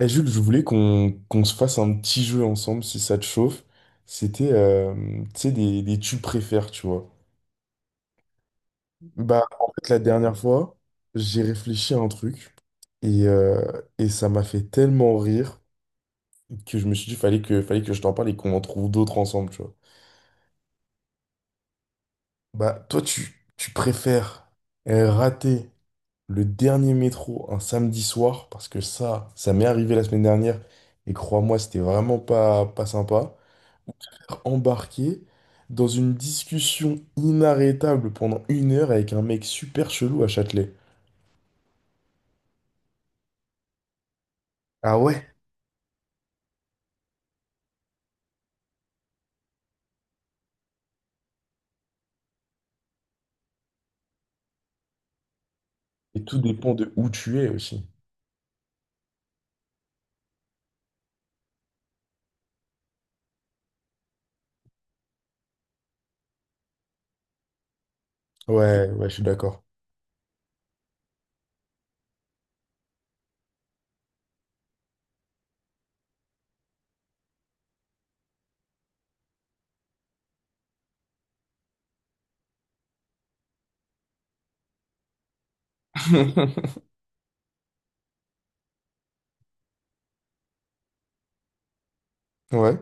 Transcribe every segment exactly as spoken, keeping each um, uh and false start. Eh, Jules, je voulais qu'on qu'on se fasse un petit jeu ensemble si ça te chauffe. C'était, euh, Tu sais, des, des tu préfères, tu vois. Bah, en fait, la dernière fois, j'ai réfléchi à un truc et, euh, et ça m'a fait tellement rire que je me suis dit, fallait que, fallait que je t'en parle et qu'on en trouve d'autres ensemble, tu vois. Bah, toi, tu, tu préfères euh, rater le dernier métro un samedi soir, parce que ça, ça m'est arrivé la semaine dernière, et crois-moi, c'était vraiment pas, pas sympa. Embarqué dans une discussion inarrêtable pendant une heure avec un mec super chelou à Châtelet. Ah ouais? Et tout dépend de où tu es aussi. Ouais, ouais, je suis d'accord. Ouais,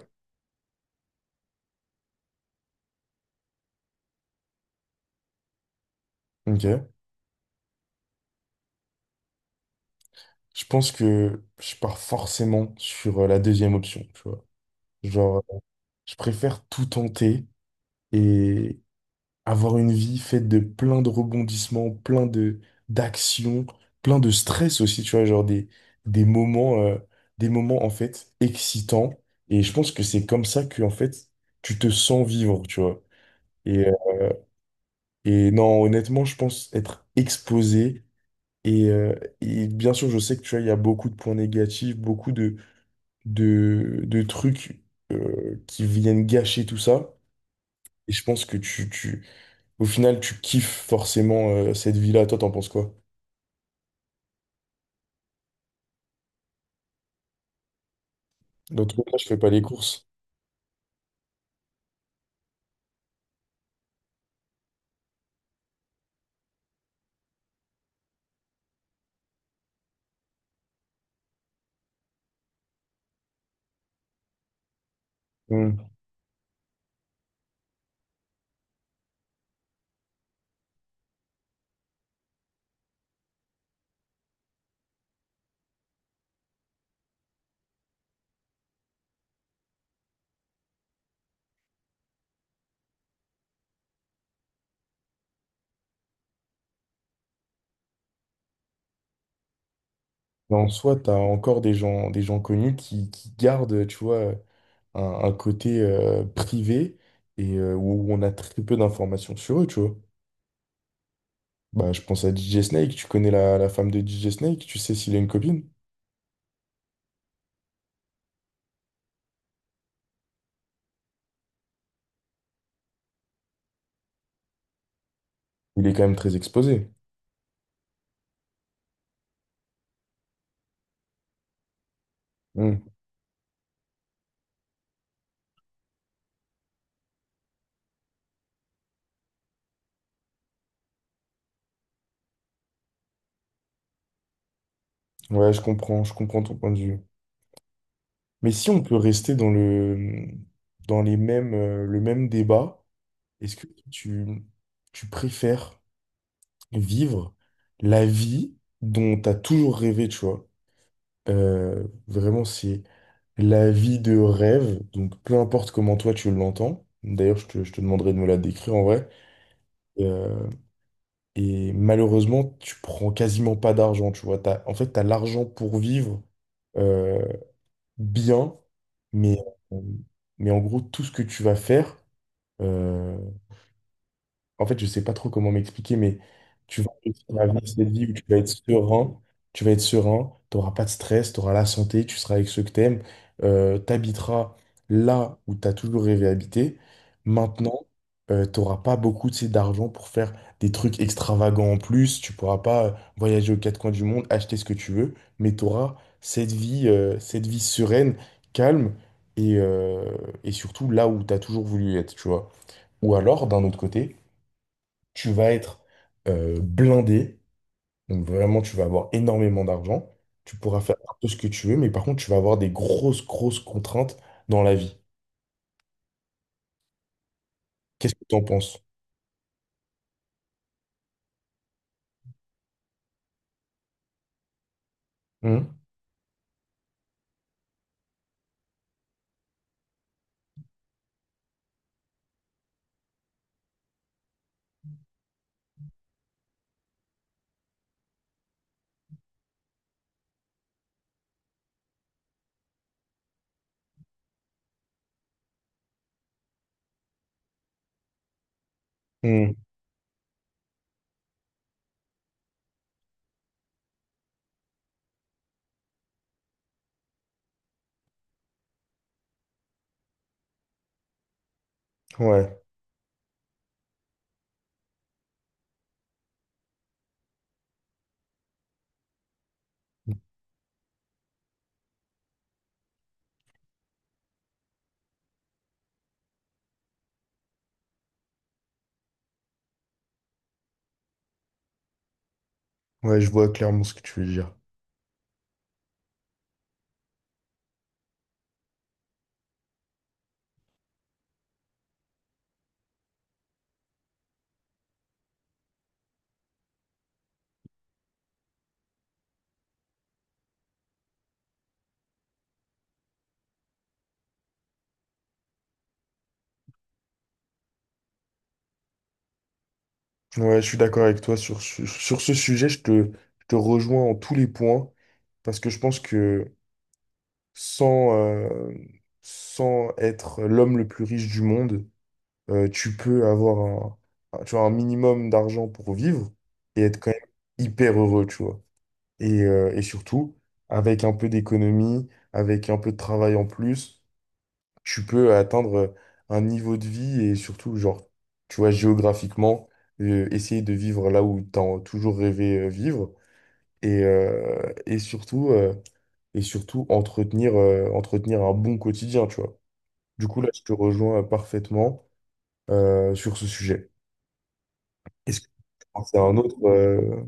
ok. Je pense que je pars forcément sur euh, la deuxième option, tu vois. Genre, je préfère tout tenter et avoir une vie faite de plein de rebondissements, plein de d'actions, plein de stress aussi, tu vois, genre des, des moments, euh, des moments en fait excitants. Et je pense que c'est comme ça que en fait tu te sens vivre, tu vois. Et, euh, et non, honnêtement, je pense être exposé. Et, euh, et bien sûr, je sais que, tu vois, il y a beaucoup de points négatifs, beaucoup de, de, de trucs euh, qui viennent gâcher tout ça. Et je pense que tu, tu, au final, tu kiffes forcément euh, cette vie-là. Toi, t'en penses quoi? Dans tous les cas, je fais pas les courses. Hmm. Mais en soi, t'as encore des gens, des gens connus qui, qui gardent, tu vois, un, un côté euh, privé et euh, où on a très peu d'informations sur eux, tu vois. Bah, je pense à D J Snake. Tu connais la, la femme de D J Snake? Tu sais s'il a une copine? Il est quand même très exposé. Hmm. Ouais, je comprends, je comprends ton point de vue. Mais si on peut rester dans le, dans les mêmes, euh, le même débat. Est-ce que tu, Tu préfères vivre la vie dont tu as toujours rêvé, tu vois? Euh, vraiment, c'est la vie de rêve, donc peu importe comment toi tu l'entends. D'ailleurs, je te, je te demanderai de me la décrire, en vrai. Euh, et malheureusement, tu prends quasiment pas d'argent, tu vois. T'as- en fait, tu as l'argent pour vivre euh, bien, mais, euh, mais en gros, tout ce que tu vas faire. euh, En fait, je sais pas trop comment m'expliquer, mais tu vas réussir à vivre cette vie où tu vas être serein, tu vas être serein, tu n'auras pas de stress, tu auras la santé, tu seras avec ceux que tu aimes, tu habiteras là où tu as toujours rêvé d'habiter. Maintenant, euh, tu n'auras pas beaucoup, tu sais, d'argent pour faire des trucs extravagants en plus, tu pourras pas euh, voyager aux quatre coins du monde, acheter ce que tu veux, mais tu auras cette vie, euh, cette vie sereine, calme et, euh, et surtout là où tu as toujours voulu être, tu vois. Ou alors, d'un autre côté, tu vas être euh, blindé, donc vraiment tu vas avoir énormément d'argent, tu pourras faire un peu ce que tu veux, mais par contre tu vas avoir des grosses, grosses contraintes dans la vie. Qu'est-ce que tu en penses? Hmm. Hmm. Ouais, ouais, je vois clairement ce que tu veux dire. Ouais, je suis d'accord avec toi sur, sur, sur ce sujet, je te, je te rejoins en tous les points, parce que je pense que sans, euh, sans être l'homme le plus riche du monde, euh, tu peux avoir un, tu vois, un minimum d'argent pour vivre et être quand même hyper heureux, tu vois. Et, euh, et surtout, avec un peu d'économie, avec un peu de travail en plus, tu peux atteindre un niveau de vie, et surtout, genre, tu vois, géographiquement, euh, essayer de vivre là où tu as toujours rêvé euh, vivre et, euh, et surtout, euh, et surtout entretenir, euh, entretenir un bon quotidien, tu vois. Du coup, là, je te rejoins parfaitement, euh, sur ce sujet. Est-ce que c'est un autre euh,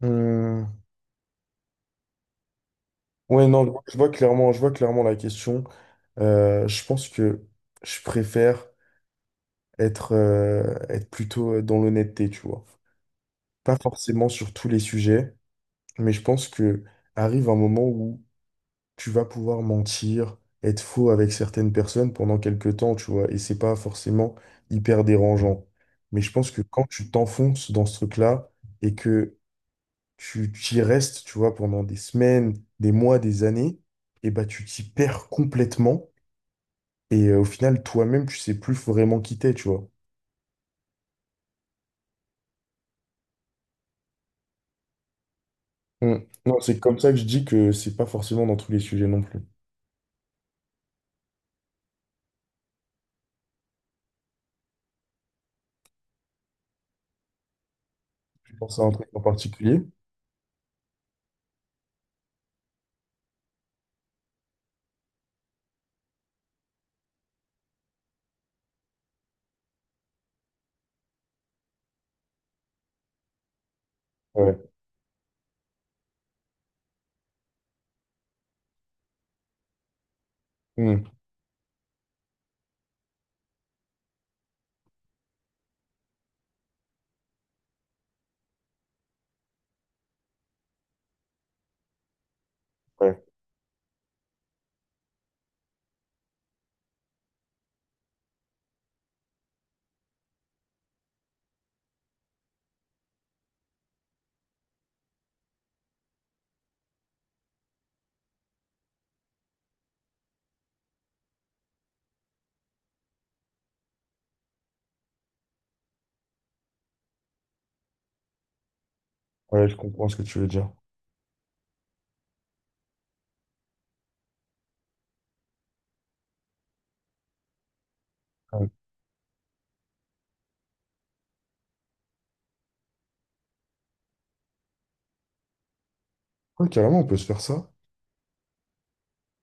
Hmm. Ouais, non, je vois je vois clairement, je vois clairement la question. Euh, je pense que je préfère être, euh, être plutôt dans l'honnêteté, tu vois. Pas forcément sur tous les sujets, mais je pense que arrive un moment où tu vas pouvoir mentir, être faux avec certaines personnes pendant quelques temps, tu vois, et c'est pas forcément hyper dérangeant. Mais je pense que quand tu t'enfonces dans ce truc-là, et que tu tu y restes, tu vois, pendant des semaines, des mois, des années, et bah tu t'y perds complètement. Et euh, au final, toi-même, tu sais plus vraiment qui t'es, tu vois. Mm. Non, c'est comme ça que je dis que c'est pas forcément dans tous les sujets non plus. Je pense à un truc en particulier. Ouais. Mm. Ouais. Ouais, je comprends ce que tu veux dire. Ouais, ouais, carrément, on peut se faire ça.